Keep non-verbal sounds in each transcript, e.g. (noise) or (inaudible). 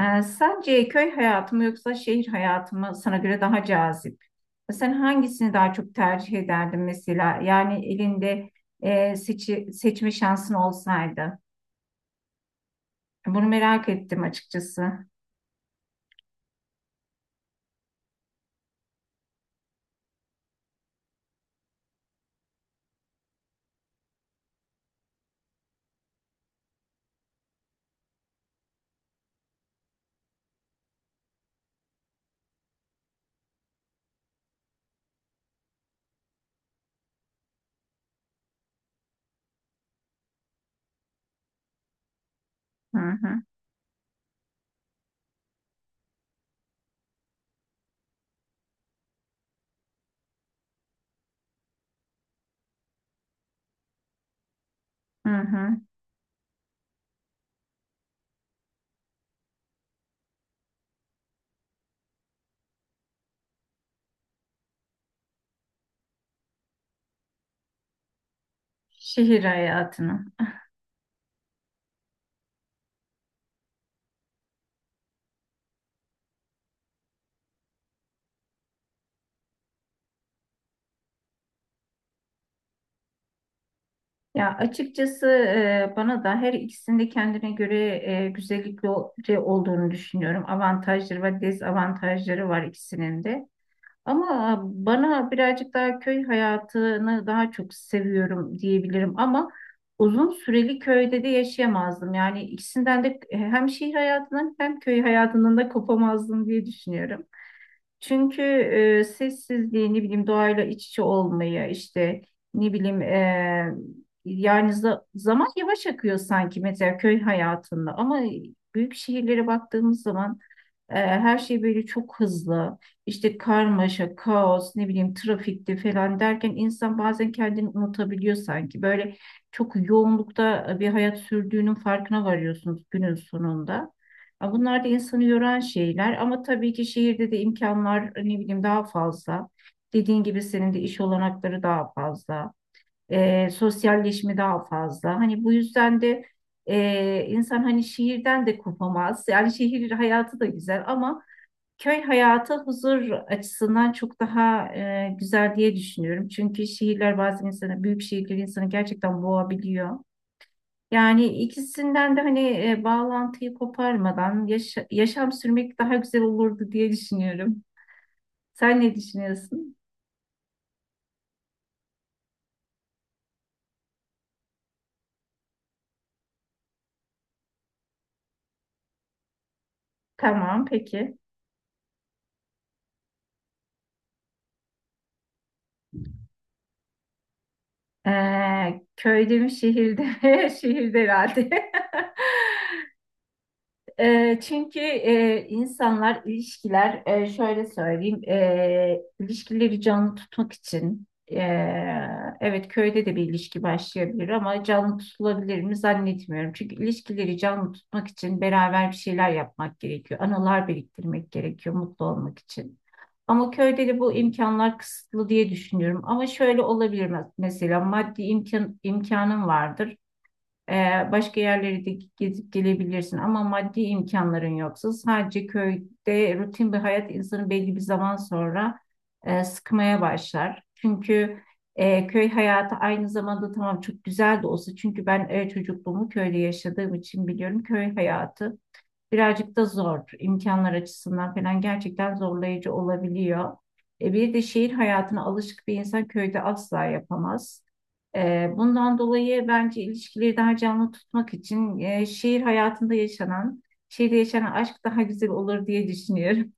Sence köy hayatı mı yoksa şehir hayatı mı sana göre daha cazip? Sen hangisini daha çok tercih ederdin mesela? Yani elinde seçme şansın olsaydı. Bunu merak ettim açıkçası. Hı hı, hı hı. Şehir hayatını. Ya açıkçası bana da her ikisinde kendine göre güzellikleri olduğunu düşünüyorum. Avantajları ve dezavantajları var ikisinin de. Ama bana birazcık daha köy hayatını daha çok seviyorum diyebilirim. Ama uzun süreli köyde de yaşayamazdım. Yani ikisinden de hem şehir hayatının hem köy hayatının da kopamazdım diye düşünüyorum. Çünkü sessizliği, ne bileyim doğayla iç içe olmayı, işte ne bileyim yani zaman yavaş akıyor sanki mesela köy hayatında ama büyük şehirlere baktığımız zaman her şey böyle çok hızlı. İşte karmaşa, kaos, ne bileyim trafikte falan derken insan bazen kendini unutabiliyor sanki. Böyle çok yoğunlukta bir hayat sürdüğünün farkına varıyorsunuz günün sonunda. Ya bunlar da insanı yoran şeyler ama tabii ki şehirde de imkanlar ne bileyim daha fazla. Dediğin gibi senin de iş olanakları daha fazla, sosyalleşme daha fazla. Hani bu yüzden de insan hani şehirden de kopamaz. Yani şehir hayatı da güzel ama köy hayatı huzur açısından çok daha güzel diye düşünüyorum. Çünkü şehirler bazen insanı, büyük şehirler insanı gerçekten boğabiliyor. Yani ikisinden de hani bağlantıyı koparmadan yaşam sürmek daha güzel olurdu diye düşünüyorum. Sen ne düşünüyorsun? Tamam, peki. Köyde mi şehirde mi? (laughs) Şehirde herhalde. (laughs) Çünkü insanlar ilişkiler şöyle söyleyeyim, ilişkileri canlı tutmak için, e, evet köyde de bir ilişki başlayabilir ama canlı tutulabilir mi zannetmiyorum. Çünkü ilişkileri canlı tutmak için beraber bir şeyler yapmak gerekiyor. Anılar biriktirmek gerekiyor mutlu olmak için. Ama köyde de bu imkanlar kısıtlı diye düşünüyorum. Ama şöyle olabilir mesela maddi imkanım vardır. Başka yerleri de gezip gelebilirsin ama maddi imkanların yoksa sadece köyde rutin bir hayat insanı belli bir zaman sonra sıkmaya başlar. Çünkü köy hayatı aynı zamanda tamam çok güzel de olsa çünkü ben çocukluğumu köyde yaşadığım için biliyorum köy hayatı birazcık da zor. İmkanlar açısından falan gerçekten zorlayıcı olabiliyor. Bir de şehir hayatına alışık bir insan köyde asla yapamaz. Bundan dolayı bence ilişkileri daha canlı tutmak için şehir hayatında şehirde yaşanan aşk daha güzel olur diye düşünüyorum.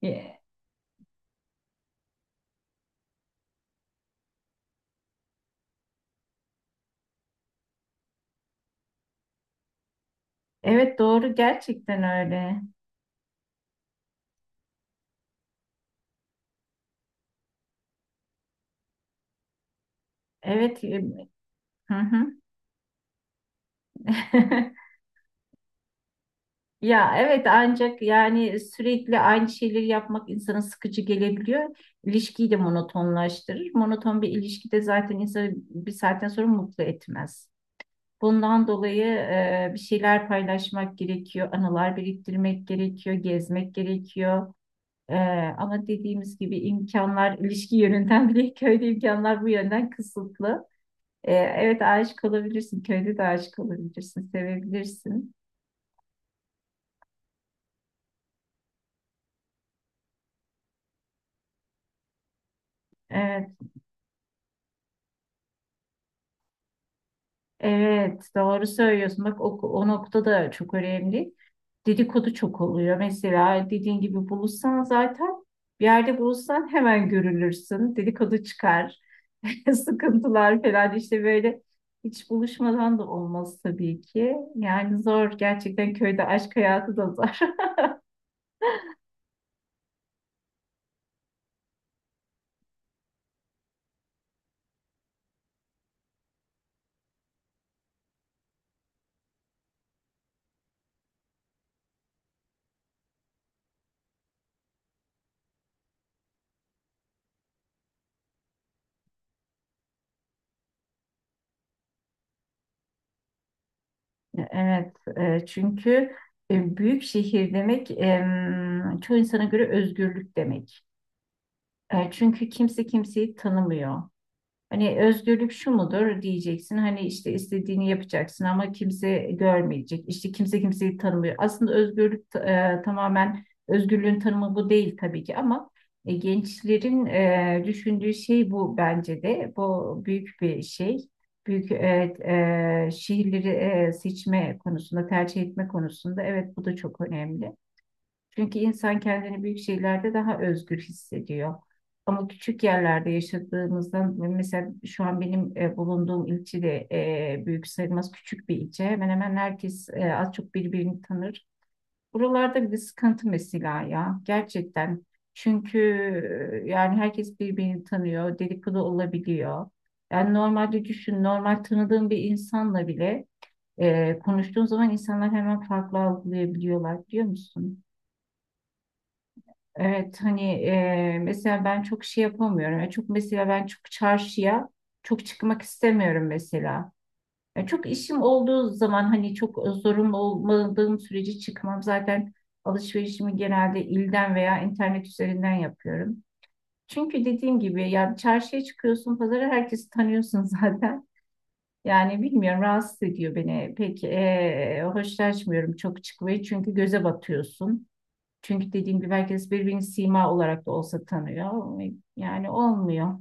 E, Evet doğru gerçekten öyle. Evet. Hı hı. (laughs) Ya evet ancak yani sürekli aynı şeyleri yapmak insana sıkıcı gelebiliyor. İlişkiyi de monotonlaştırır. Monoton bir ilişki de zaten insanı bir saatten sonra mutlu etmez. Bundan dolayı bir şeyler paylaşmak gerekiyor, anılar biriktirmek gerekiyor, gezmek gerekiyor. E, ama dediğimiz gibi imkanlar ilişki yönünden bile (laughs) köyde imkanlar bu yönden kısıtlı. Evet aşık olabilirsin, köyde de aşık olabilirsin, sevebilirsin. Evet. Evet, doğru söylüyorsun. Bak o nokta da çok önemli. Dedikodu çok oluyor. Mesela dediğin gibi buluşsan zaten bir yerde buluşsan hemen görülürsün. Dedikodu çıkar. (laughs) Sıkıntılar falan işte böyle hiç buluşmadan da olmaz tabii ki. Yani zor gerçekten köyde aşk hayatı da zor. (laughs) Evet, çünkü büyük şehir demek çoğu insana göre özgürlük demek. E, Çünkü kimse kimseyi tanımıyor. Hani özgürlük şu mudur diyeceksin. Hani işte istediğini yapacaksın ama kimse görmeyecek. İşte kimse kimseyi tanımıyor. Aslında özgürlük tamamen özgürlüğün tanımı bu değil tabii ki ama gençlerin düşündüğü şey bu bence de. Bu büyük bir şey. Büyük evet, şehirleri seçme konusunda, tercih etme konusunda evet bu da çok önemli. Çünkü insan kendini büyük şeylerde daha özgür hissediyor. Ama küçük yerlerde yaşadığımızdan, mesela şu an benim bulunduğum ilçe de büyük sayılmaz, küçük bir ilçe. Hemen hemen herkes az çok birbirini tanır. Buralarda bir sıkıntı mesela ya gerçekten. Çünkü yani herkes birbirini tanıyor, dedikodu olabiliyor. Yani normalde düşün, normal tanıdığın bir insanla bile konuştuğun zaman insanlar hemen farklı algılayabiliyorlar biliyor musun? Evet hani mesela ben çok şey yapamıyorum. Yani çok mesela ben çok çarşıya çok çıkmak istemiyorum mesela. Yani çok işim olduğu zaman hani çok zorunlu olmadığım sürece çıkmam. Zaten alışverişimi genelde ilden veya internet üzerinden yapıyorum. Çünkü dediğim gibi yani çarşıya çıkıyorsun, pazara herkesi tanıyorsun (laughs) zaten. Yani bilmiyorum rahatsız ediyor beni. Pek hoşlaşmıyorum çok çıkmayı çünkü göze batıyorsun. Çünkü dediğim gibi herkes birbirini sima olarak da olsa tanıyor. Yani olmuyor.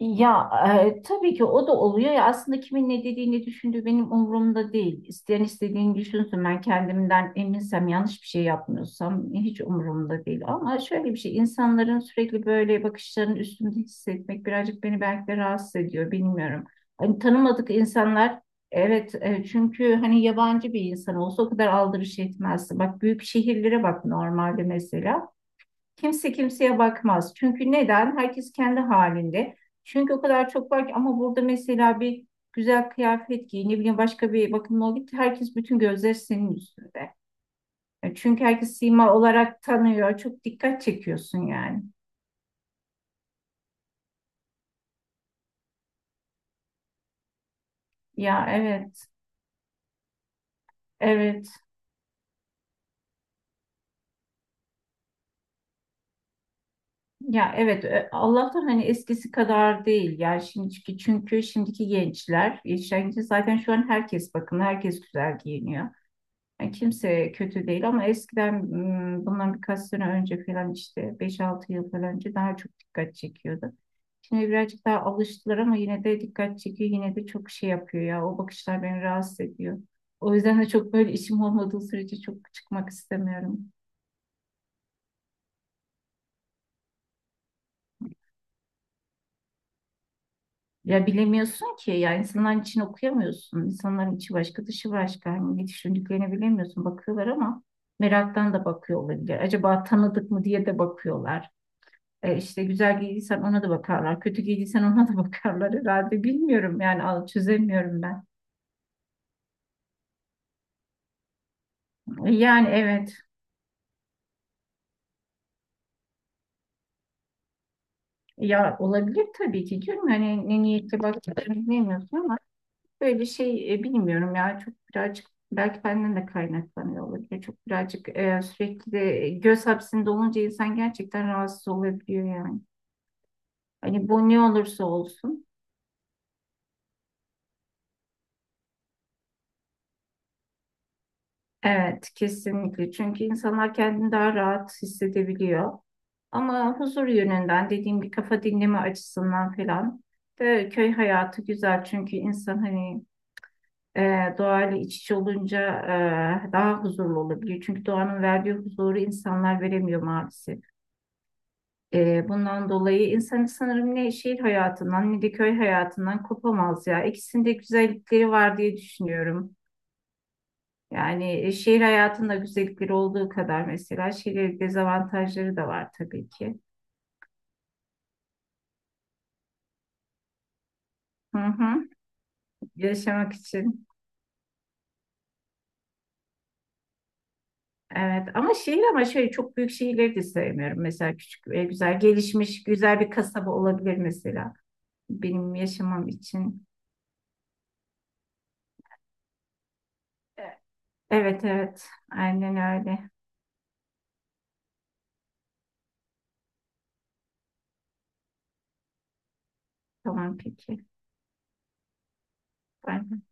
Ya tabii ki o da oluyor ya, aslında kimin ne dediğini düşündüğü benim umurumda değil. İsteyen istediğini düşünsün, ben kendimden eminsem yanlış bir şey yapmıyorsam hiç umurumda değil. Ama şöyle bir şey, insanların sürekli böyle bakışlarının üstünde hissetmek birazcık beni belki de rahatsız ediyor bilmiyorum. Hani tanımadık insanlar, evet çünkü hani yabancı bir insan olsa o kadar aldırış etmezsin. Bak büyük şehirlere bak normalde mesela. Kimse kimseye bakmaz. Çünkü neden? Herkes kendi halinde. Çünkü o kadar çok var ki ama burada mesela bir güzel kıyafet giy, ne bileyim başka bir bakımla ol git. Herkes bütün gözler senin üstünde. E, Çünkü herkes sima olarak tanıyor. Çok dikkat çekiyorsun yani. Ya evet, evet. Ya evet, Allah'tan hani eskisi kadar değil yani şimdiki çünkü şimdiki gençler, yetişen gençler zaten şu an herkes, bakın herkes güzel giyiniyor. Yani kimse kötü değil ama eskiden, bundan birkaç sene önce falan işte beş altı yıl falan önce daha çok dikkat çekiyordu. Şimdi birazcık daha alıştılar ama yine de dikkat çekiyor. Yine de çok şey yapıyor ya. O bakışlar beni rahatsız ediyor. O yüzden de çok böyle işim olmadığı sürece çok çıkmak istemiyorum. Ya bilemiyorsun ki ya, insanların için okuyamıyorsun. İnsanların içi başka, dışı başka. Hani ne düşündüklerini bilemiyorsun. Bakıyorlar ama meraktan da bakıyor olabilir. Acaba tanıdık mı diye de bakıyorlar. İşte güzel giydiysen ona da bakarlar. Kötü giydiysen ona da (laughs) bakarlar herhalde. Bilmiyorum yani, al çözemiyorum ben. Yani evet ya, olabilir tabii ki canım. Hani ne niyetle baktığını bilmiyorsun ama böyle şey bilmiyorum ya. Çok birazcık belki benden de kaynaklanıyor olabilir. Çok birazcık sürekli de göz hapsinde olunca insan gerçekten rahatsız olabiliyor yani. Hani bu ne olursa olsun. Evet, kesinlikle. Çünkü insanlar kendini daha rahat hissedebiliyor. Ama huzur yönünden dediğim gibi kafa dinleme açısından falan da köy hayatı güzel. Çünkü insan hani doğayla iç içe olunca daha huzurlu olabiliyor. Çünkü doğanın verdiği huzuru insanlar veremiyor maalesef. Bundan dolayı insan sanırım ne şehir hayatından ne de köy hayatından kopamaz ya. İkisinde güzellikleri var diye düşünüyorum. Yani şehir hayatında güzellikleri olduğu kadar mesela şehir dezavantajları da var tabii ki. Hı hı. Yaşamak için. Evet ama şehir, ama şöyle çok büyük şehirleri de sevmiyorum. Mesela küçük ve güzel gelişmiş güzel bir kasaba olabilir mesela benim yaşamam için. E, Evet evet aynen öyle. Tamam peki. Ben